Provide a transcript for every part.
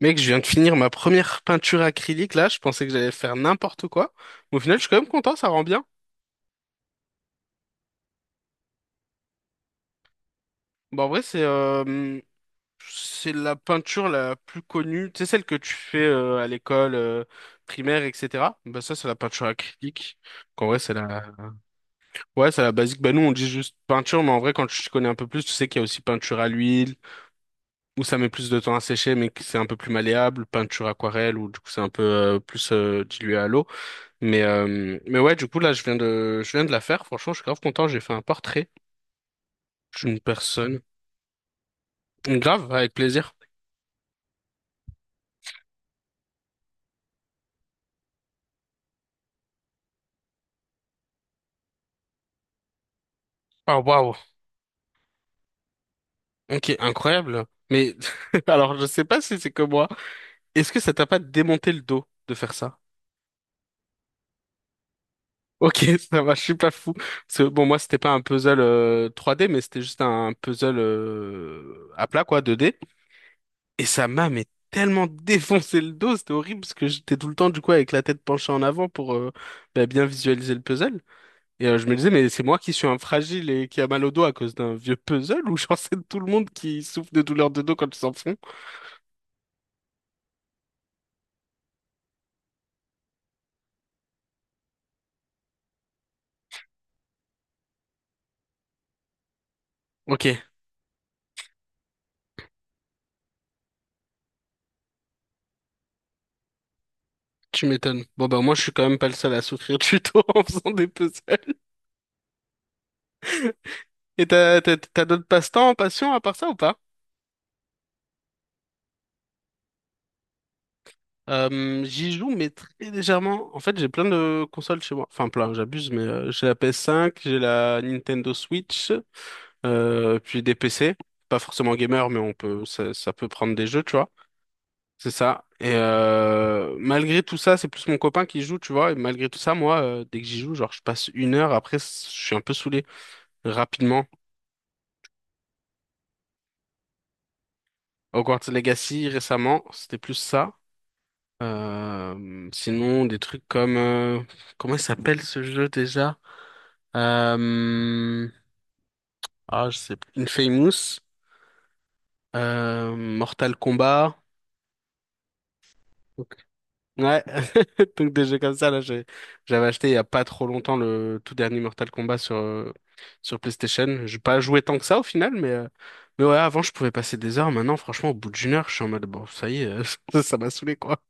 Mec, je viens de finir ma première peinture acrylique là, je pensais que j'allais faire n'importe quoi. Mais au final, je suis quand même content, ça rend bien. Bon, en vrai, c'est la peinture la plus connue, tu sais, celle que tu fais à l'école primaire, etc. Bah ça, c'est la peinture acrylique. En vrai, c'est la... Ouais, c'est la basique. Bah nous, on dit juste peinture, mais en vrai, quand tu t'y connais un peu plus, tu sais qu'il y a aussi peinture à l'huile, où ça met plus de temps à sécher, mais que c'est un peu plus malléable, peinture aquarelle, où du coup, c'est un peu plus dilué à l'eau. Mais ouais, du coup, là, je viens de la faire. Franchement, je suis grave content. J'ai fait un portrait d'une personne. Grave, avec plaisir. Ah, waouh. Ok, incroyable. Mais, alors, je sais pas si c'est que moi. Est-ce que ça t'a pas démonté le dos de faire ça? Ok, ça va, je suis pas fou. Parce que, bon, moi, c'était pas un puzzle 3D, mais c'était juste un puzzle à plat, quoi, 2D. Et ça m'a, mais tellement défoncé le dos, c'était horrible, parce que j'étais tout le temps, du coup, avec la tête penchée en avant pour bah, bien visualiser le puzzle. Et je me disais, mais c'est moi qui suis un fragile et qui a mal au dos à cause d'un vieux puzzle ou genre c'est tout le monde qui souffre de douleurs de dos quand ils s'en font? Ok, tu m'étonnes. Bon, bah moi je suis quand même pas le seul à souffrir du dos en faisant des puzzles. Et t'as d'autres passe-temps, passions à part ça ou pas? J'y joue mais très légèrement. En fait j'ai plein de consoles chez moi. Enfin plein, j'abuse mais j'ai la PS5, j'ai la Nintendo Switch, puis des PC. Pas forcément gamer mais on peut ça peut prendre des jeux tu vois. C'est ça. Et malgré tout ça, c'est plus mon copain qui joue, tu vois. Et malgré tout ça, moi, dès que j'y joue, genre, je passe une heure. Après, je suis un peu saoulé. Rapidement. Hogwarts Legacy, récemment, c'était plus ça. Sinon, des trucs comme... comment il s'appelle ce jeu déjà? Euh, ah, je sais plus. Infamous. Mortal Kombat. Ouais, donc des jeux comme ça, j'avais acheté il y a pas trop longtemps le tout dernier Mortal Kombat sur PlayStation. J'ai pas joué tant que ça au final, mais ouais, avant je pouvais passer des heures. Maintenant, franchement, au bout d'une heure, je suis en mode bon, ça y est, ça m'a saoulé quoi.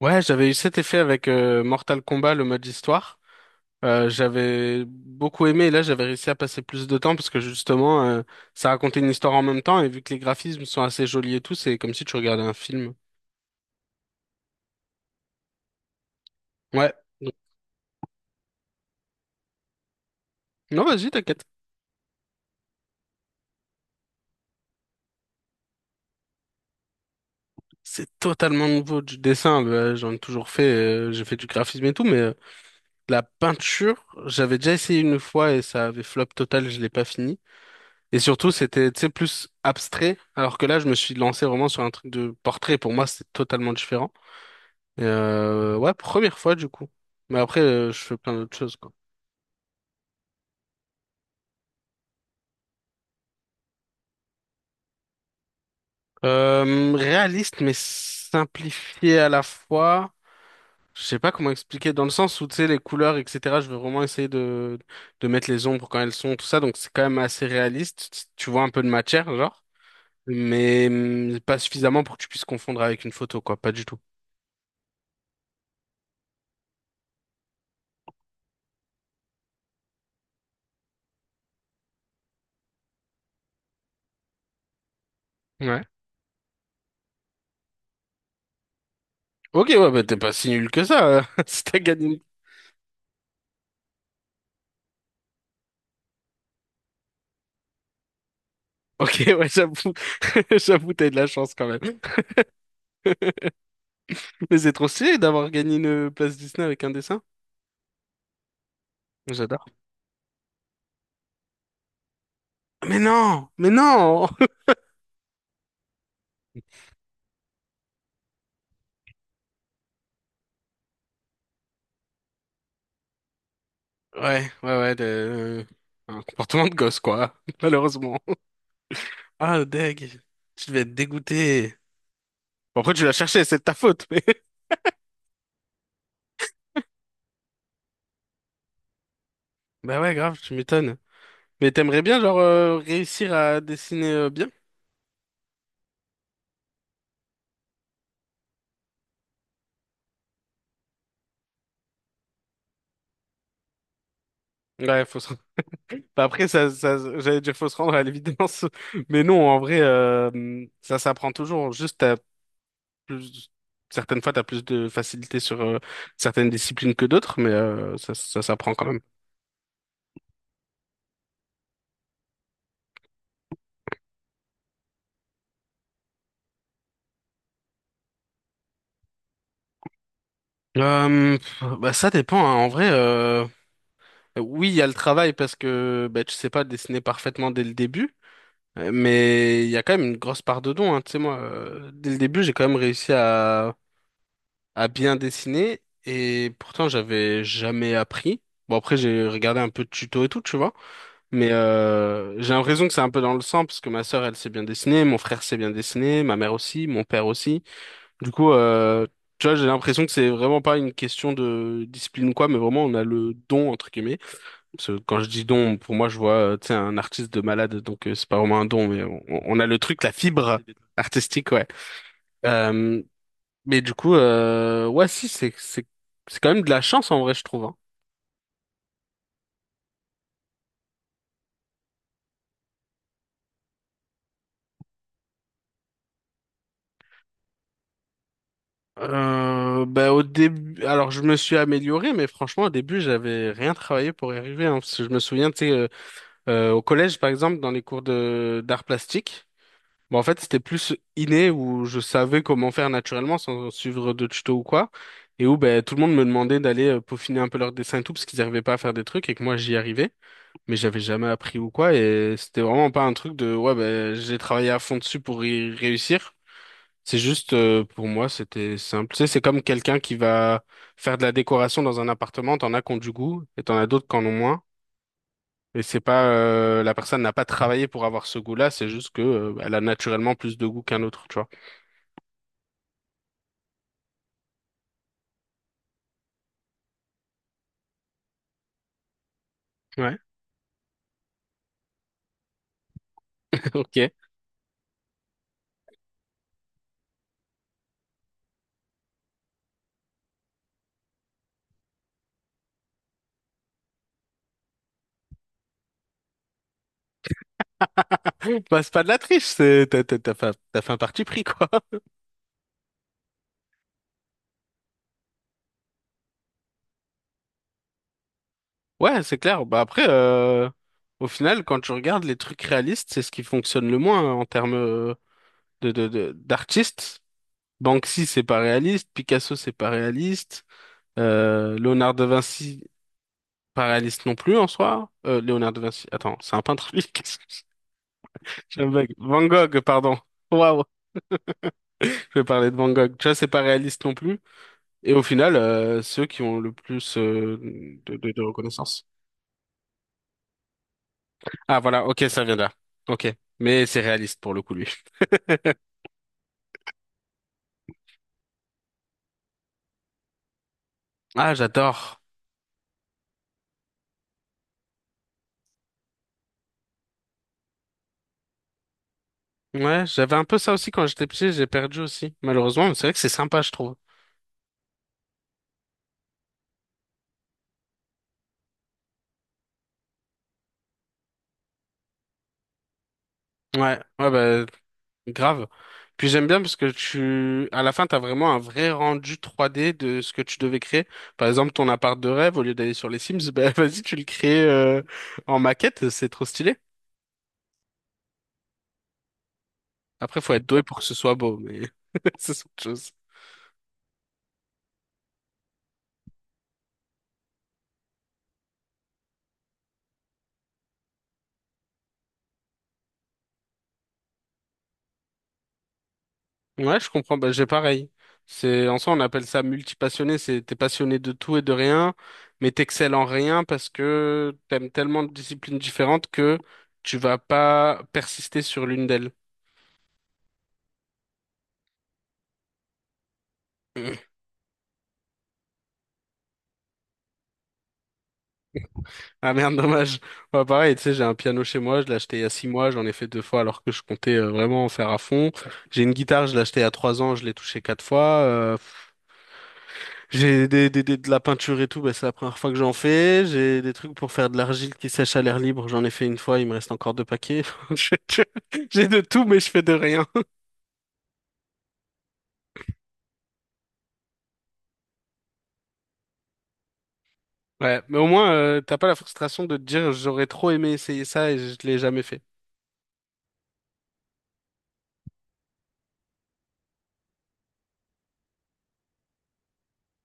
Ouais, j'avais eu cet effet avec Mortal Kombat, le mode histoire. J'avais beaucoup aimé et là j'avais réussi à passer plus de temps parce que justement ça racontait une histoire en même temps et vu que les graphismes sont assez jolis et tout, c'est comme si tu regardais un film. Ouais. Non, vas-y, t'inquiète. C'est totalement nouveau du dessin. Bah, j'en ai toujours fait, j'ai fait du graphisme et tout, mais la peinture, j'avais déjà essayé une fois et ça avait flop total, je l'ai pas fini. Et surtout, c'était, tu sais, plus abstrait, alors que là, je me suis lancé vraiment sur un truc de portrait. Pour moi, c'est totalement différent. Et, ouais, première fois du coup. Mais après, je fais plein d'autres choses, quoi. Réaliste, mais simplifié à la fois. Je sais pas comment expliquer, dans le sens où, tu sais, les couleurs, etc., je veux vraiment essayer de mettre les ombres quand elles sont, tout ça, donc c'est quand même assez réaliste. Tu vois un peu de matière, genre, mais pas suffisamment pour que tu puisses confondre avec une photo, quoi, pas du tout. Ouais. Ok, ouais, bah t'es pas si nul que ça, si t'as gagné. Ok, ouais, j'avoue, j'avoue, t'as eu de la chance quand même. Mais c'est trop stylé d'avoir gagné une place Disney avec un dessin. J'adore. Mais non, mais non! Ouais, ouais, ouais, de- euh, un comportement de gosse, quoi, malheureusement. Ah, deg. Tu devais être dégoûté. Bon, après, tu l'as cherché, c'est de ta faute. Bah ouais, grave, tu m'étonnes. Mais t'aimerais bien, genre, réussir à dessiner bien? Ouais, faut se... Bah après, j'allais dire faut se rendre à l'évidence. Mais non, en vrai, ça s'apprend toujours. Juste, t'as plus... Certaines fois, t'as plus de facilité sur certaines disciplines que d'autres, mais ça s'apprend quand même. Pff, bah ça dépend, hein. En vrai, oui, il y a le travail parce que bah, tu sais pas dessiner parfaitement dès le début. Mais il y a quand même une grosse part de don, hein. Tu sais, moi, dès le début, j'ai quand même réussi à bien dessiner et pourtant, j'avais jamais appris. Bon, après, j'ai regardé un peu de tuto et tout, tu vois. Mais j'ai l'impression que c'est un peu dans le sang parce que ma sœur, elle sait bien dessiner, mon frère sait bien dessiner, ma mère aussi, mon père aussi. Du coup, tu vois, j'ai l'impression que c'est vraiment pas une question de discipline ou quoi, mais vraiment, on a le don, entre guillemets. Parce que quand je dis don, pour moi, je vois, tu sais, un artiste de malade, donc c'est pas vraiment un don, mais on a le truc, la fibre artistique, ouais. Euh, ouais, si, c'est quand même de la chance en vrai, je trouve. Hein. Bah, au début, alors je me suis amélioré, mais franchement, au début, j'avais rien travaillé pour y arriver, hein, parce que je me souviens, tu sais, au collège, par exemple, dans les cours de d'art plastique. Bon, en fait, c'était plus inné où je savais comment faire naturellement sans suivre de tuto ou quoi. Et où ben, tout le monde me demandait d'aller peaufiner un peu leur dessin et tout parce qu'ils n'arrivaient pas à faire des trucs et que moi j'y arrivais. Mais j'avais jamais appris ou quoi. Et c'était vraiment pas un truc de ouais, ben, j'ai travaillé à fond dessus pour y réussir. C'est juste pour moi, c'était simple. Tu sais, c'est comme quelqu'un qui va faire de la décoration dans un appartement. T'en as qui ont du goût et t'en as d'autres qui en ont moins. Et c'est pas la personne n'a pas travaillé pour avoir ce goût-là, c'est juste que elle a naturellement plus de goût qu'un autre, tu vois. Ouais, ok. Bah, c'est pas de la triche, c'est t'as t'as- t'as fait un parti pris, quoi. Ouais, c'est clair. Bah après, au final, quand tu regardes les trucs réalistes, c'est ce qui fonctionne le moins hein, en termes d'artistes. Banksy, c'est pas réaliste. Picasso, c'est pas réaliste. Léonard de Vinci, pas réaliste non plus en soi. Léonard de Vinci, attends, c'est un peintre, lui. Qu'est-ce que j'ai un bug Van Gogh, pardon. Waouh, je vais parler de Van Gogh. Tu vois, c'est pas réaliste non plus. Et au final, ceux qui ont le plus de reconnaissance. Ah voilà, ok, ça vient de là. Ok, mais c'est réaliste pour le coup, lui. Ah, j'adore. Ouais, j'avais un peu ça aussi quand j'étais petit, j'ai perdu aussi, malheureusement, mais c'est vrai que c'est sympa, je trouve. Ouais, ouais, bah, grave. Puis j'aime bien parce que tu, à la fin, t'as vraiment un vrai rendu 3D de ce que tu devais créer. Par exemple, ton appart de rêve, au lieu d'aller sur les Sims, bah, vas-y, tu le crées en maquette, c'est trop stylé. Après, faut être doué pour que ce soit beau, mais c'est autre chose. Ouais, je comprends. Bah, j'ai pareil. C'est, en soi, on appelle ça multipassionné. C'est, t'es passionné de tout et de rien, mais t'excelles en rien parce que t'aimes tellement de disciplines différentes que tu vas pas persister sur l'une d'elles. Ah merde, dommage. Ouais, pareil, tu sais, j'ai un piano chez moi, je l'ai acheté il y a 6 mois, j'en ai fait deux fois alors que je comptais vraiment en faire à fond. J'ai une guitare, je l'ai achetée il y a 3 ans, je l'ai touchée 4 fois. J'ai de la peinture et tout, bah, c'est la première fois que j'en fais. J'ai des trucs pour faire de l'argile qui sèche à l'air libre. J'en ai fait une fois, il me reste encore deux paquets. Je- je- J'ai de tout, mais je fais de rien. Ouais, mais au moins, t'as pas la frustration de te dire j'aurais trop aimé essayer ça et je l'ai jamais fait.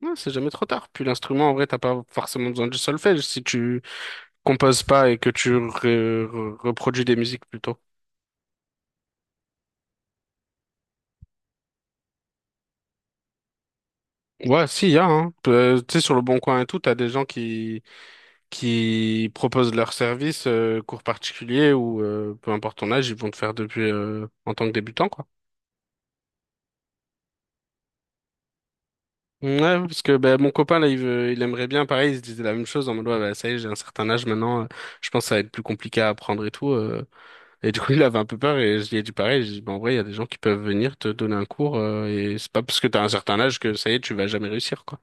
Non, c'est jamais trop tard. Puis l'instrument, en vrai, t'as pas forcément besoin du solfège si tu composes pas et que tu reproduis des musiques plutôt. Ouais, si, y a, hein. Tu sais, sur le Bon Coin et tout, t'as des gens qui proposent leurs services, cours particuliers ou peu importe ton âge, ils vont te faire depuis en tant que débutant, quoi. Ouais, parce que ben mon copain là, il aimerait bien, pareil, il se disait la même chose en mode ouais, bah, ça y est, j'ai un certain âge maintenant, je pense que ça va être plus compliqué à apprendre et tout. Et du coup, il avait un peu peur et je lui ai dit pareil. J'ai dit, bah, en vrai, il y a des gens qui peuvent venir te donner un cours et c'est pas parce que t'as un certain âge que ça y est, tu vas jamais réussir, quoi.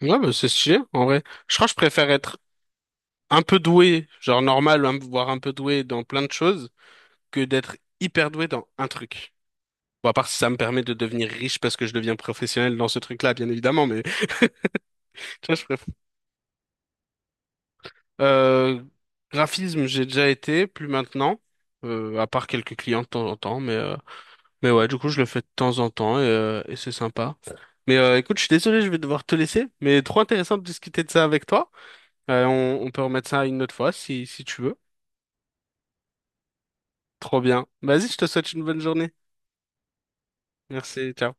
Ouais, bah, c'est stylé, en vrai. Je crois que je préfère être un peu doué, genre normal, hein, voire un peu doué dans plein de choses, que d'être hyper doué dans un truc. Bon, à part si ça me permet de devenir riche parce que je deviens professionnel dans ce truc-là, bien évidemment, mais tu vois, je préfère. Euh, Graphisme, j'ai déjà été, plus maintenant, à part quelques clients de temps en temps, mais ouais, du coup, je le fais de temps en temps et c'est sympa. Mais écoute, je suis désolé, je vais devoir te laisser, mais trop intéressant de discuter de ça avec toi. On peut remettre ça une autre fois si tu veux. Trop bien. Vas-y, je te souhaite une bonne journée. Merci, ciao.